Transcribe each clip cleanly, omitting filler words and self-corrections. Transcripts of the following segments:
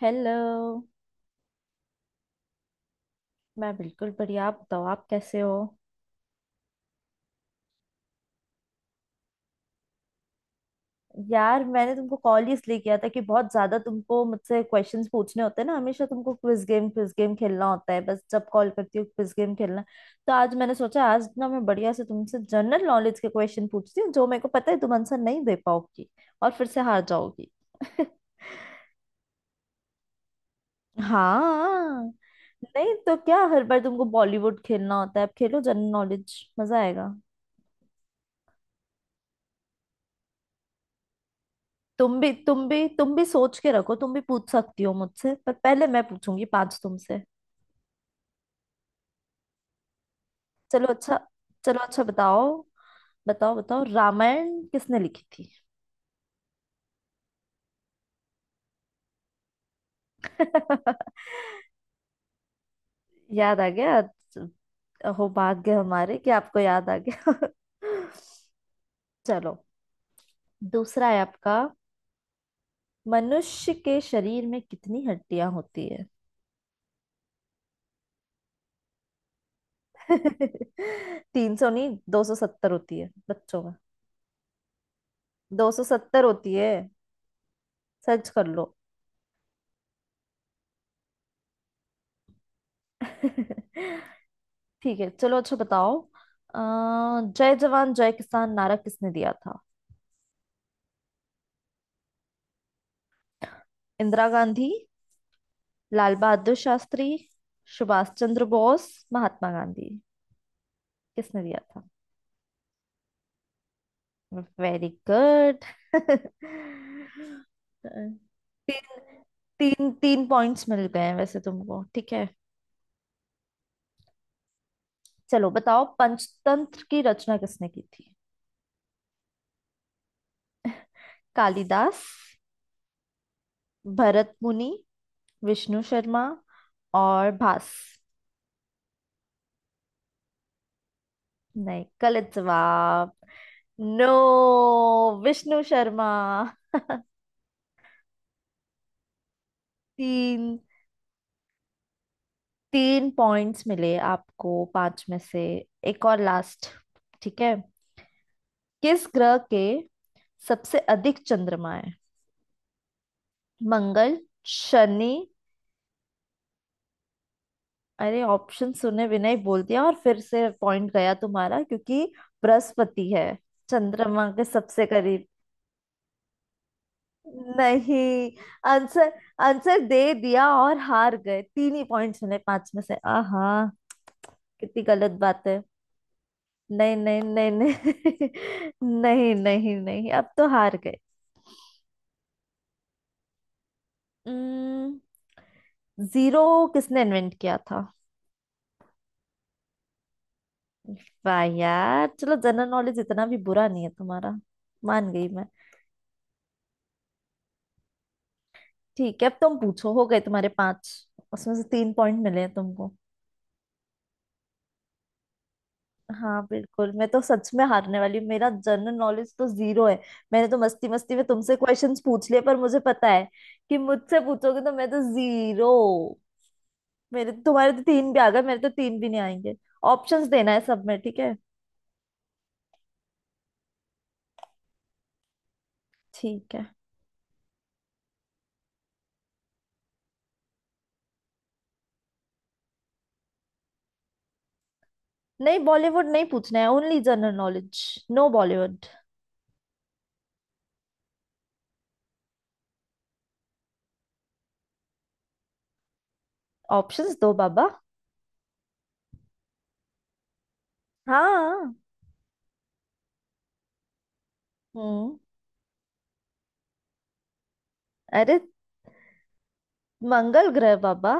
Hello. मैं बिल्कुल बढ़िया। आप बताओ, आप कैसे हो? यार, मैंने तुमको कॉल इसलिए किया था कि बहुत ज्यादा तुमको मुझसे क्वेश्चंस पूछने होते हैं ना। हमेशा तुमको क्विज गेम खेलना होता है, बस जब कॉल करती हूँ, क्विज गेम खेलना। तो आज मैंने सोचा आज ना मैं बढ़िया से तुमसे जनरल नॉलेज के क्वेश्चन पूछती हूँ, जो मेरे को पता है तुम आंसर नहीं दे पाओगी और फिर से हार जाओगी। हाँ। नहीं, तो क्या हर बार तुमको बॉलीवुड खेलना होता है? अब खेलो जनरल नॉलेज, मजा आएगा। तुम भी सोच के रखो, तुम भी पूछ सकती हो मुझसे, पर पहले मैं पूछूंगी पांच तुमसे। चलो अच्छा। चलो अच्छा बताओ। बताओ बताओ, रामायण किसने लिखी थी? याद आ गया। हो भाग्य हमारे कि आपको याद आ गया। चलो, दूसरा है आपका। मनुष्य के शरीर में कितनी हड्डियां होती है? 300 नहीं, 270 होती है बच्चों में। 270 होती है, सर्च कर लो। ठीक है, चलो अच्छा बताओ। अ, जय जवान जय किसान नारा किसने दिया था? इंदिरा गांधी, लाल बहादुर शास्त्री, सुभाष चंद्र बोस, महात्मा गांधी, किसने दिया था? Very good. तीन। तीन तीन पॉइंट्स मिल गए हैं वैसे तुमको, ठीक है। चलो बताओ, पंचतंत्र की रचना किसने की थी? कालिदास, भरत मुनि, विष्णु शर्मा और भास। नहीं, गलत जवाब। नो। विष्णु शर्मा। तीन। तीन पॉइंट्स मिले आपको पांच में से। एक और लास्ट, ठीक है। किस ग्रह के सबसे अधिक चंद्रमा है? मंगल, शनि। अरे ऑप्शन सुने बिना ही बोल दिया, और फिर से पॉइंट गया तुम्हारा, क्योंकि बृहस्पति है चंद्रमा के सबसे करीब। नहीं। आंसर। आंसर दे दिया और हार गए, तीन ही पॉइंट्स मिले पांच में से, आहा। कितनी गलत बात है। नहीं नहीं नहीं नहीं। नहीं नहीं नहीं, अब तो हार गए। जीरो किसने इन्वेंट किया था? वाह यार, चलो जनरल नॉलेज इतना भी बुरा नहीं है तुम्हारा, मान गई मैं। ठीक है, अब तुम पूछो, हो गए तुम्हारे पांच, उसमें से तीन पॉइंट मिले हैं तुमको। हाँ बिल्कुल, मैं तो सच में हारने वाली हूँ, मेरा जनरल नॉलेज तो जीरो है। मैंने तो मस्ती मस्ती में तुमसे क्वेश्चंस पूछ लिए, पर मुझे पता है कि मुझसे पूछोगे तो मैं तो जीरो। मेरे तुम्हारे तो तीन भी आ गए, मेरे तो तीन भी नहीं आएंगे। ऑप्शंस देना है सब में, ठीक है। ठीक है। नहीं, बॉलीवुड नहीं पूछना है, only general knowledge. No Bollywood. Options दो बाबा। हाँ। हम्म। अरे मंगल ग्रह बाबा।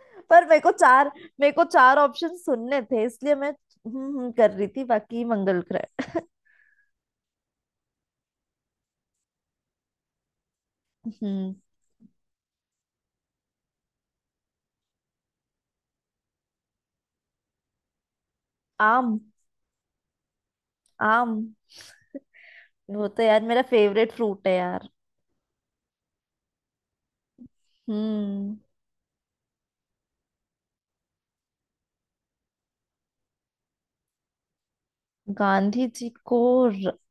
पर मेरे को चार ऑप्शन सुनने थे, इसलिए मैं कर रही थी, बाकी मंगल ग्रह। हम्म। आम। आम, वो तो यार मेरा फेवरेट फ्रूट है यार। हम्म। गांधी जी को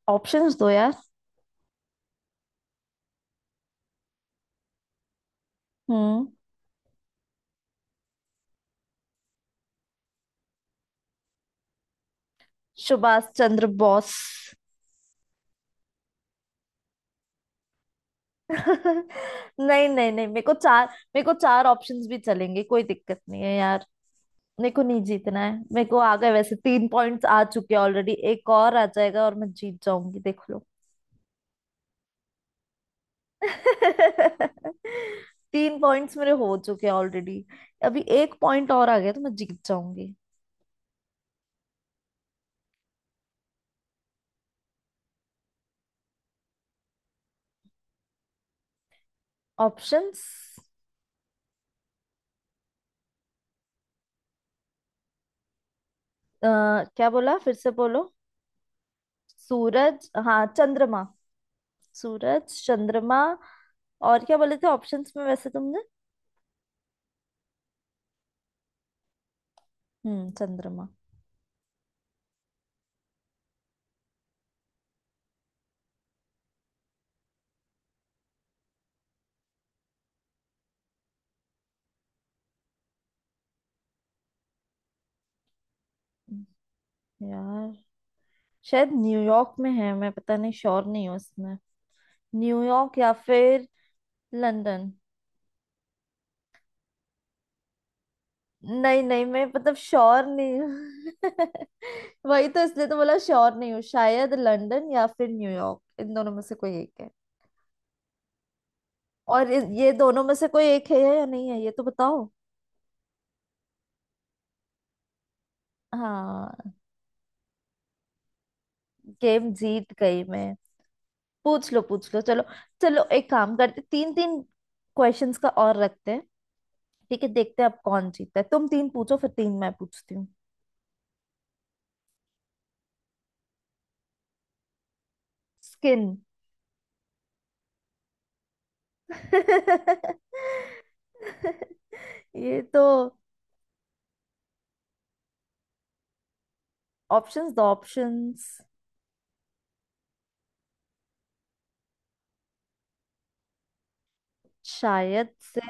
ऑप्शंस दो यार। हम्म। सुभाष चंद्र बोस। नहीं नहीं नहीं, मेरे को चार ऑप्शंस भी चलेंगे, कोई दिक्कत नहीं है यार। मेरे को नहीं जीतना है, मेरे को आ गए वैसे, तीन पॉइंट्स आ चुके हैं ऑलरेडी, एक और आ जाएगा और मैं जीत जाऊंगी, देख लो। तीन पॉइंट्स मेरे हो चुके हैं ऑलरेडी। अभी एक पॉइंट और आ गया तो मैं जीत जाऊंगी। ऑप्शंस। क्या बोला, फिर से बोलो। सूरज, हाँ चंद्रमा। सूरज चंद्रमा। और क्या बोले थे ऑप्शंस में वैसे तुमने? हम्म, चंद्रमा। यार शायद न्यूयॉर्क में है, मैं पता नहीं, श्योर नहीं हूँ इसमें। न्यूयॉर्क या फिर लंदन। नहीं नहीं, मैं मतलब श्योर नहीं हूँ। वही तो, इसलिए तो बोला श्योर नहीं हूँ, शायद लंदन या फिर न्यूयॉर्क, इन दोनों में से कोई एक है। और ये दोनों में से कोई एक है या नहीं है ये तो बताओ। हाँ, गेम जीत गई मैं। पूछ लो पूछ लो, चलो। चलो एक काम करते, तीन तीन क्वेश्चंस का और रखते हैं। ठीक है, देखते हैं अब कौन जीतता है। तुम तीन पूछो फिर तीन मैं पूछती हूँ। स्किन। ये तो। ऑप्शंस दो, ऑप्शंस। शायद से।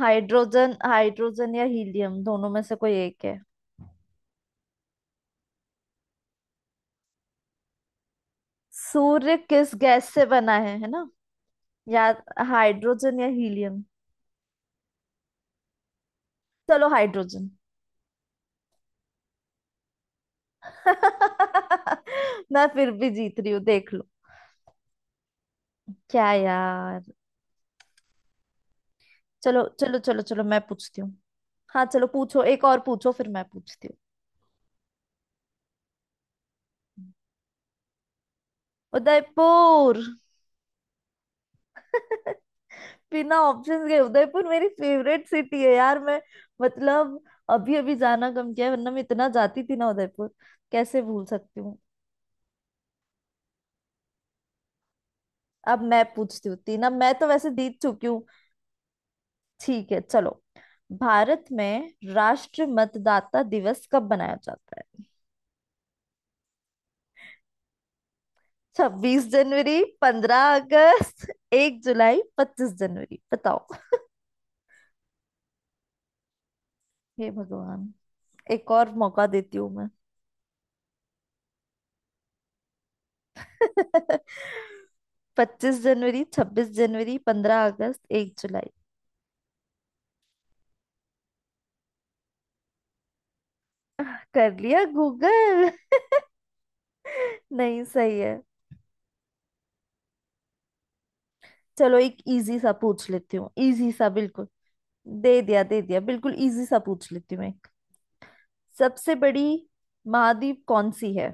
हाइड्रोजन, हाइड्रोजन या हीलियम दोनों में से कोई एक है। सूर्य किस गैस से बना है ना? या हाइड्रोजन या हीलियम। चलो, हाइड्रोजन। मैं फिर भी जीत रही हूँ, देख लो। क्या यार। चलो चलो चलो चलो, मैं पूछती हूँ। हाँ चलो पूछो, एक और पूछो फिर मैं पूछती हूँ। उदयपुर। बिना ऑप्शंस के, उदयपुर मेरी फेवरेट सिटी है यार, मैं मतलब, अभी अभी जाना कम किया है, वरना मैं इतना जाती थी ना उदयपुर, कैसे भूल सकती हूँ। अब मैं पूछती हूँ तीन। अब मैं तो वैसे जीत चुकी हूँ। ठीक है, चलो। भारत में राष्ट्र मतदाता दिवस कब मनाया जाता है? 26 जनवरी, 15 अगस्त, 1 जुलाई, 25 जनवरी, बताओ। हे भगवान। एक और मौका देती हूँ मैं। 25 जनवरी, 26 जनवरी, पंद्रह अगस्त, एक जुलाई। आह, कर लिया गूगल। नहीं, सही है। चलो एक इजी सा पूछ लेती हूँ, इजी सा बिल्कुल। दे दिया दे दिया, बिल्कुल इजी सा पूछ लेती हूँ एक। सबसे बड़ी महाद्वीप कौन सी है?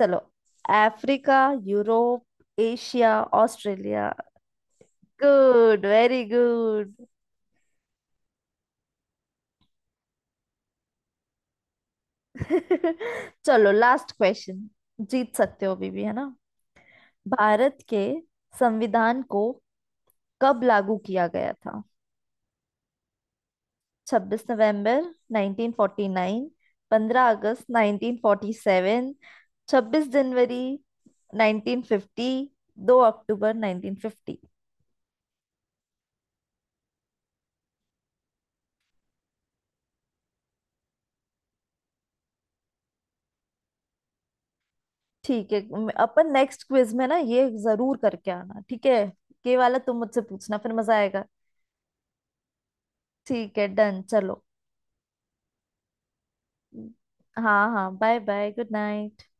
चलो, Africa, Europe, Asia, Australia. Good, very good. चलो, लास्ट क्वेश्चन। जीत सकते हो अभी भी, है ना। भारत के संविधान को कब लागू किया गया था? 26 नवंबर 1949, 15 अगस्त 1947, 26 जनवरी 1950, 2 अक्टूबर 1950। ठीक है, अपन नेक्स्ट क्विज में ना ये जरूर करके आना, ठीक है। ये वाला तुम मुझसे पूछना, फिर मजा आएगा। ठीक है, डन चलो। हाँ हाँ, बाय बाय, गुड नाइट।